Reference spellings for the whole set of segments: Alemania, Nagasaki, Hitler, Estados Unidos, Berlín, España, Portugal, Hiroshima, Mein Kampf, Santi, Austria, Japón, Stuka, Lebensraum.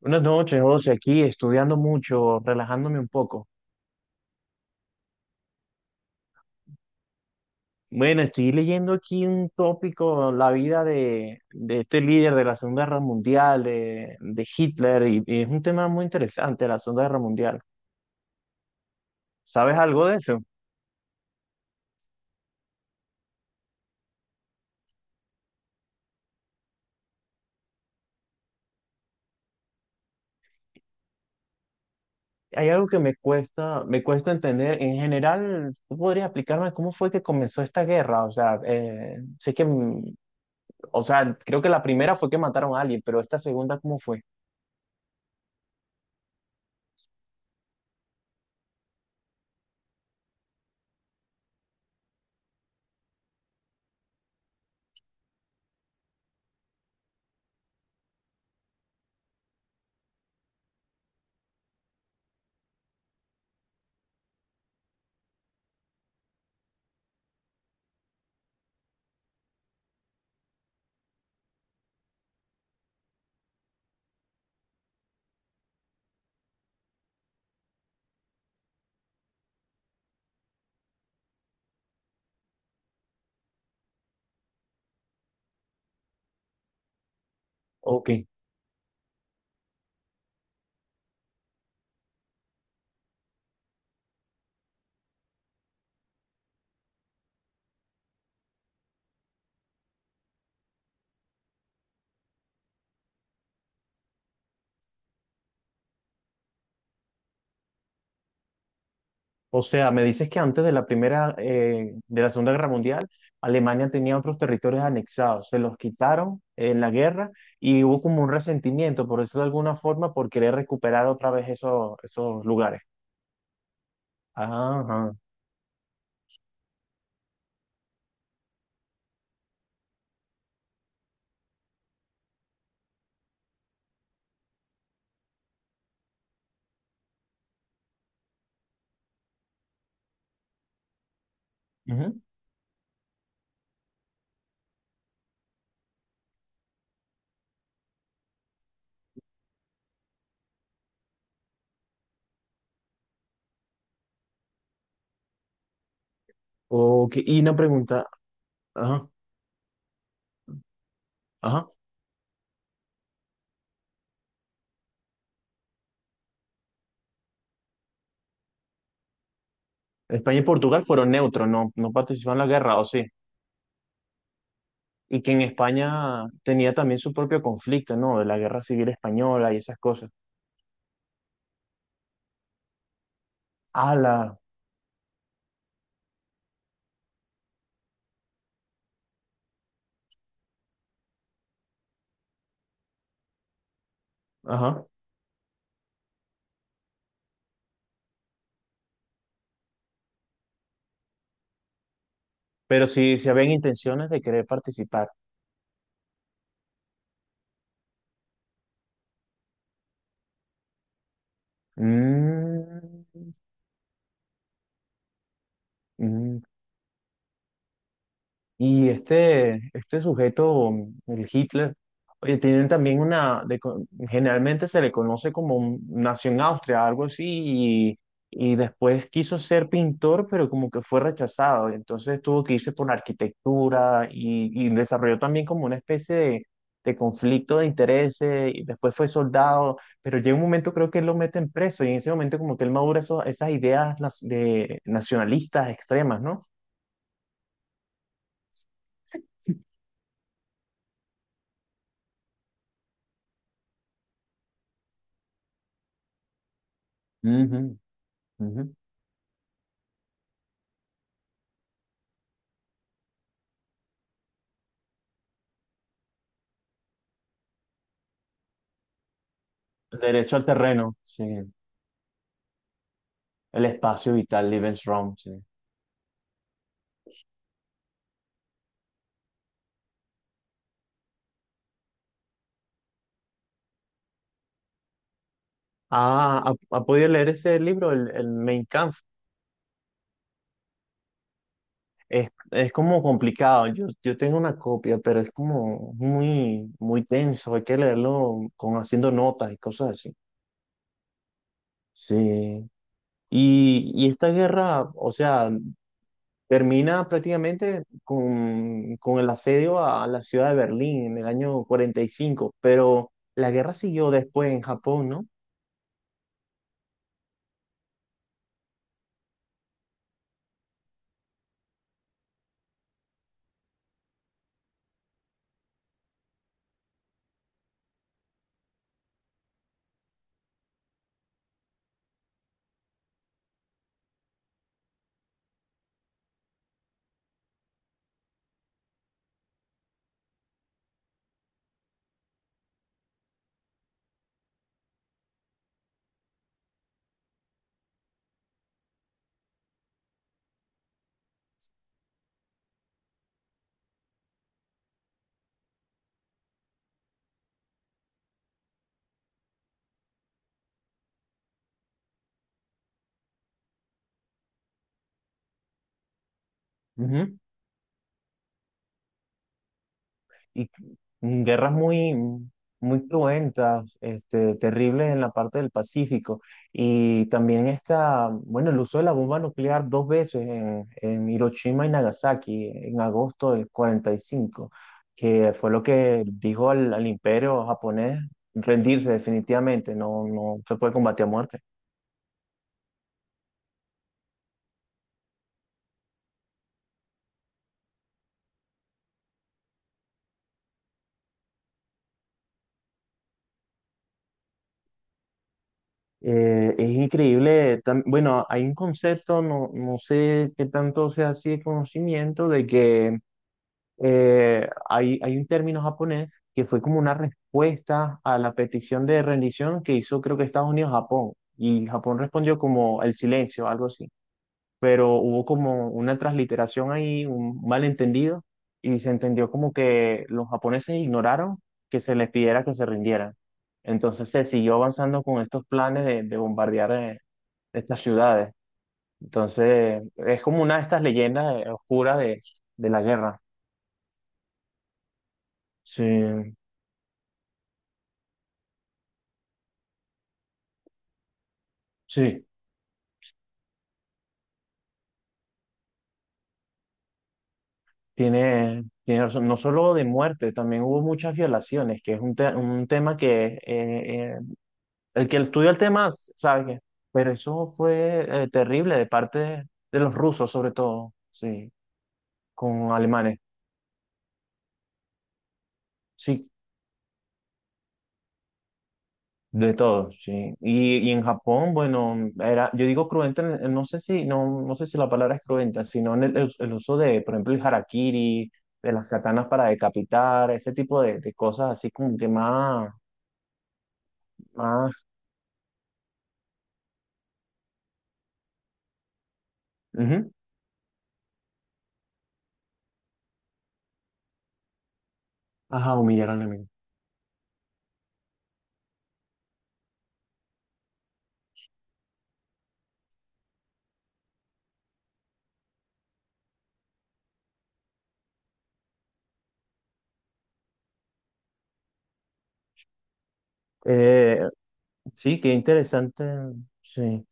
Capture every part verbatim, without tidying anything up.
Buenas noches, José, aquí estudiando mucho, relajándome un poco. Bueno, estoy leyendo aquí un tópico, la vida de, de este líder de la Segunda Guerra Mundial, de, de Hitler, y, y es un tema muy interesante, la Segunda Guerra Mundial. ¿Sabes algo de eso? Hay algo que me cuesta, me cuesta entender. En general, ¿tú podrías explicarme cómo fue que comenzó esta guerra? O sea, eh, sé que, mm, o sea, creo que la primera fue que mataron a alguien, pero esta segunda, ¿cómo fue? Ok. O sea, me dices que antes de la primera, eh, de la Segunda Guerra Mundial, Alemania tenía otros territorios anexados, se los quitaron en la guerra y hubo como un resentimiento, por eso de alguna forma, por querer recuperar otra vez esos, esos lugares. Ajá, ujú. Ok, y una pregunta, ajá, ajá. ¿España y Portugal fueron neutros, no, no participaron en la guerra, o sí? Y que en España tenía también su propio conflicto, ¿no? De la guerra civil española y esas cosas. Ala, ajá. Pero si, si habían intenciones de querer participar. Mm, mm. Y este, este sujeto, el Hitler, oye, tienen también una, de co- generalmente se le conoce como un- nació en Austria, algo así, y, y después quiso ser pintor, pero como que fue rechazado, y entonces tuvo que irse por la arquitectura y, y desarrolló también como una especie de, de conflicto de intereses, y después fue soldado, pero llega un momento creo que él lo meten preso, y en ese momento como que él madura eso- esas ideas las- de nacionalistas extremas, ¿no? Ujú, ujú. Derecho al terreno, sí. El espacio vital, Lebensraum, sí. Ah, ¿ha, ha podido leer ese libro, el, el Mein Kampf? Es, es como complicado. Yo, yo tengo una copia, pero es como muy, muy tenso. Hay que leerlo con haciendo notas y cosas así. Sí. Y, y esta guerra, o sea, termina prácticamente con, con el asedio a la ciudad de Berlín en el año cuarenta y cinco, pero la guerra siguió después en Japón, ¿no? Ujú. Y guerras muy, muy cruentas, este, terribles en la parte del Pacífico. Y también está, bueno, el uso de la bomba nuclear dos veces en, en Hiroshima y Nagasaki en agosto del cuarenta y cinco, que fue lo que dijo al, al imperio japonés rendirse definitivamente, no, no se puede combatir a muerte. Eh, es increíble, tam- bueno, hay un concepto, no, no sé qué tanto sea así de conocimiento, de que eh, hay, hay un término japonés que fue como una respuesta a la petición de rendición que hizo creo que Estados Unidos a Japón. Y Japón respondió como el silencio, algo así. Pero hubo como una transliteración ahí, un malentendido, y se entendió como que los japoneses ignoraron que se les pidiera que se rindieran. Entonces se siguió avanzando con estos planes de, de bombardear eh, estas ciudades. Entonces es como una de estas leyendas eh, oscuras de, de la guerra. Sí, sí. Tiene, tiene razón. No solo de muerte, también hubo muchas violaciones, que es un, te- un tema que eh, eh, el que estudia el tema sabe que, pero eso fue eh, terrible de parte de, de los rusos, sobre todo, sí, con alemanes, sí, de todo, sí. Y, y en Japón, bueno, era, yo digo cruenta, en- en- no sé si, no, no sé si la palabra es cruenta, sino en el, el- el uso de, por ejemplo, el harakiri, de las katanas para decapitar, ese tipo de, de cosas así como que más, más. Ujú. Ajá, humillar al enemigo. Eh, sí, qué interesante. Sí.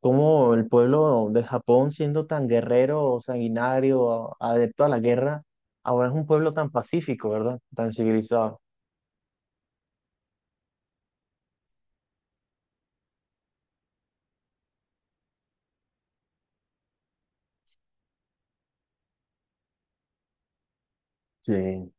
Cómo el pueblo de Japón, siendo tan guerrero, sanguinario, a- adepto a la guerra, ahora es un pueblo tan pacífico, ¿verdad? Tan civilizado. Sí.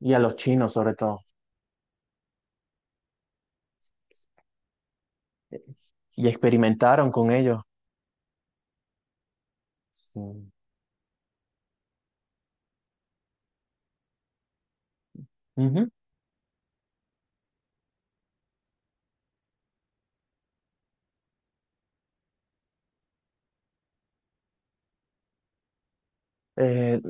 Y a los chinos, sobre todo. Y experimentaron con ellos. Sí. Ujú. Eh,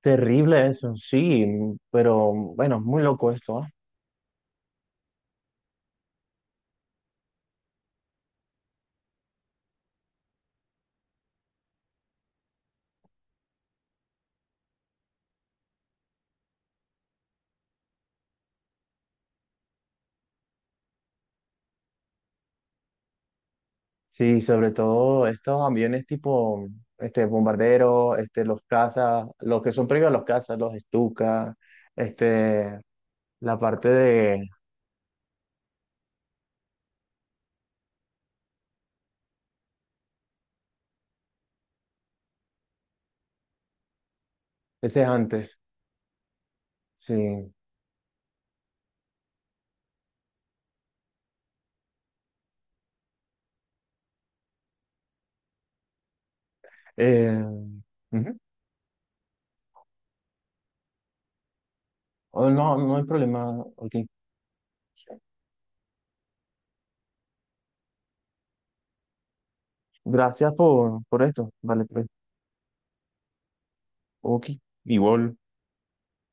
terrible eso, sí, pero bueno, muy loco esto, ¿ah? Sí, sobre todo estos aviones tipo este bombarderos, este los cazas, los que son previos a los cazas, los Stuka, este la parte de ese es antes. Sí. Eh, ujú. Oh, no, no hay problema. Ok. Gracias por, por esto. Vale, pues. Ok. Igual.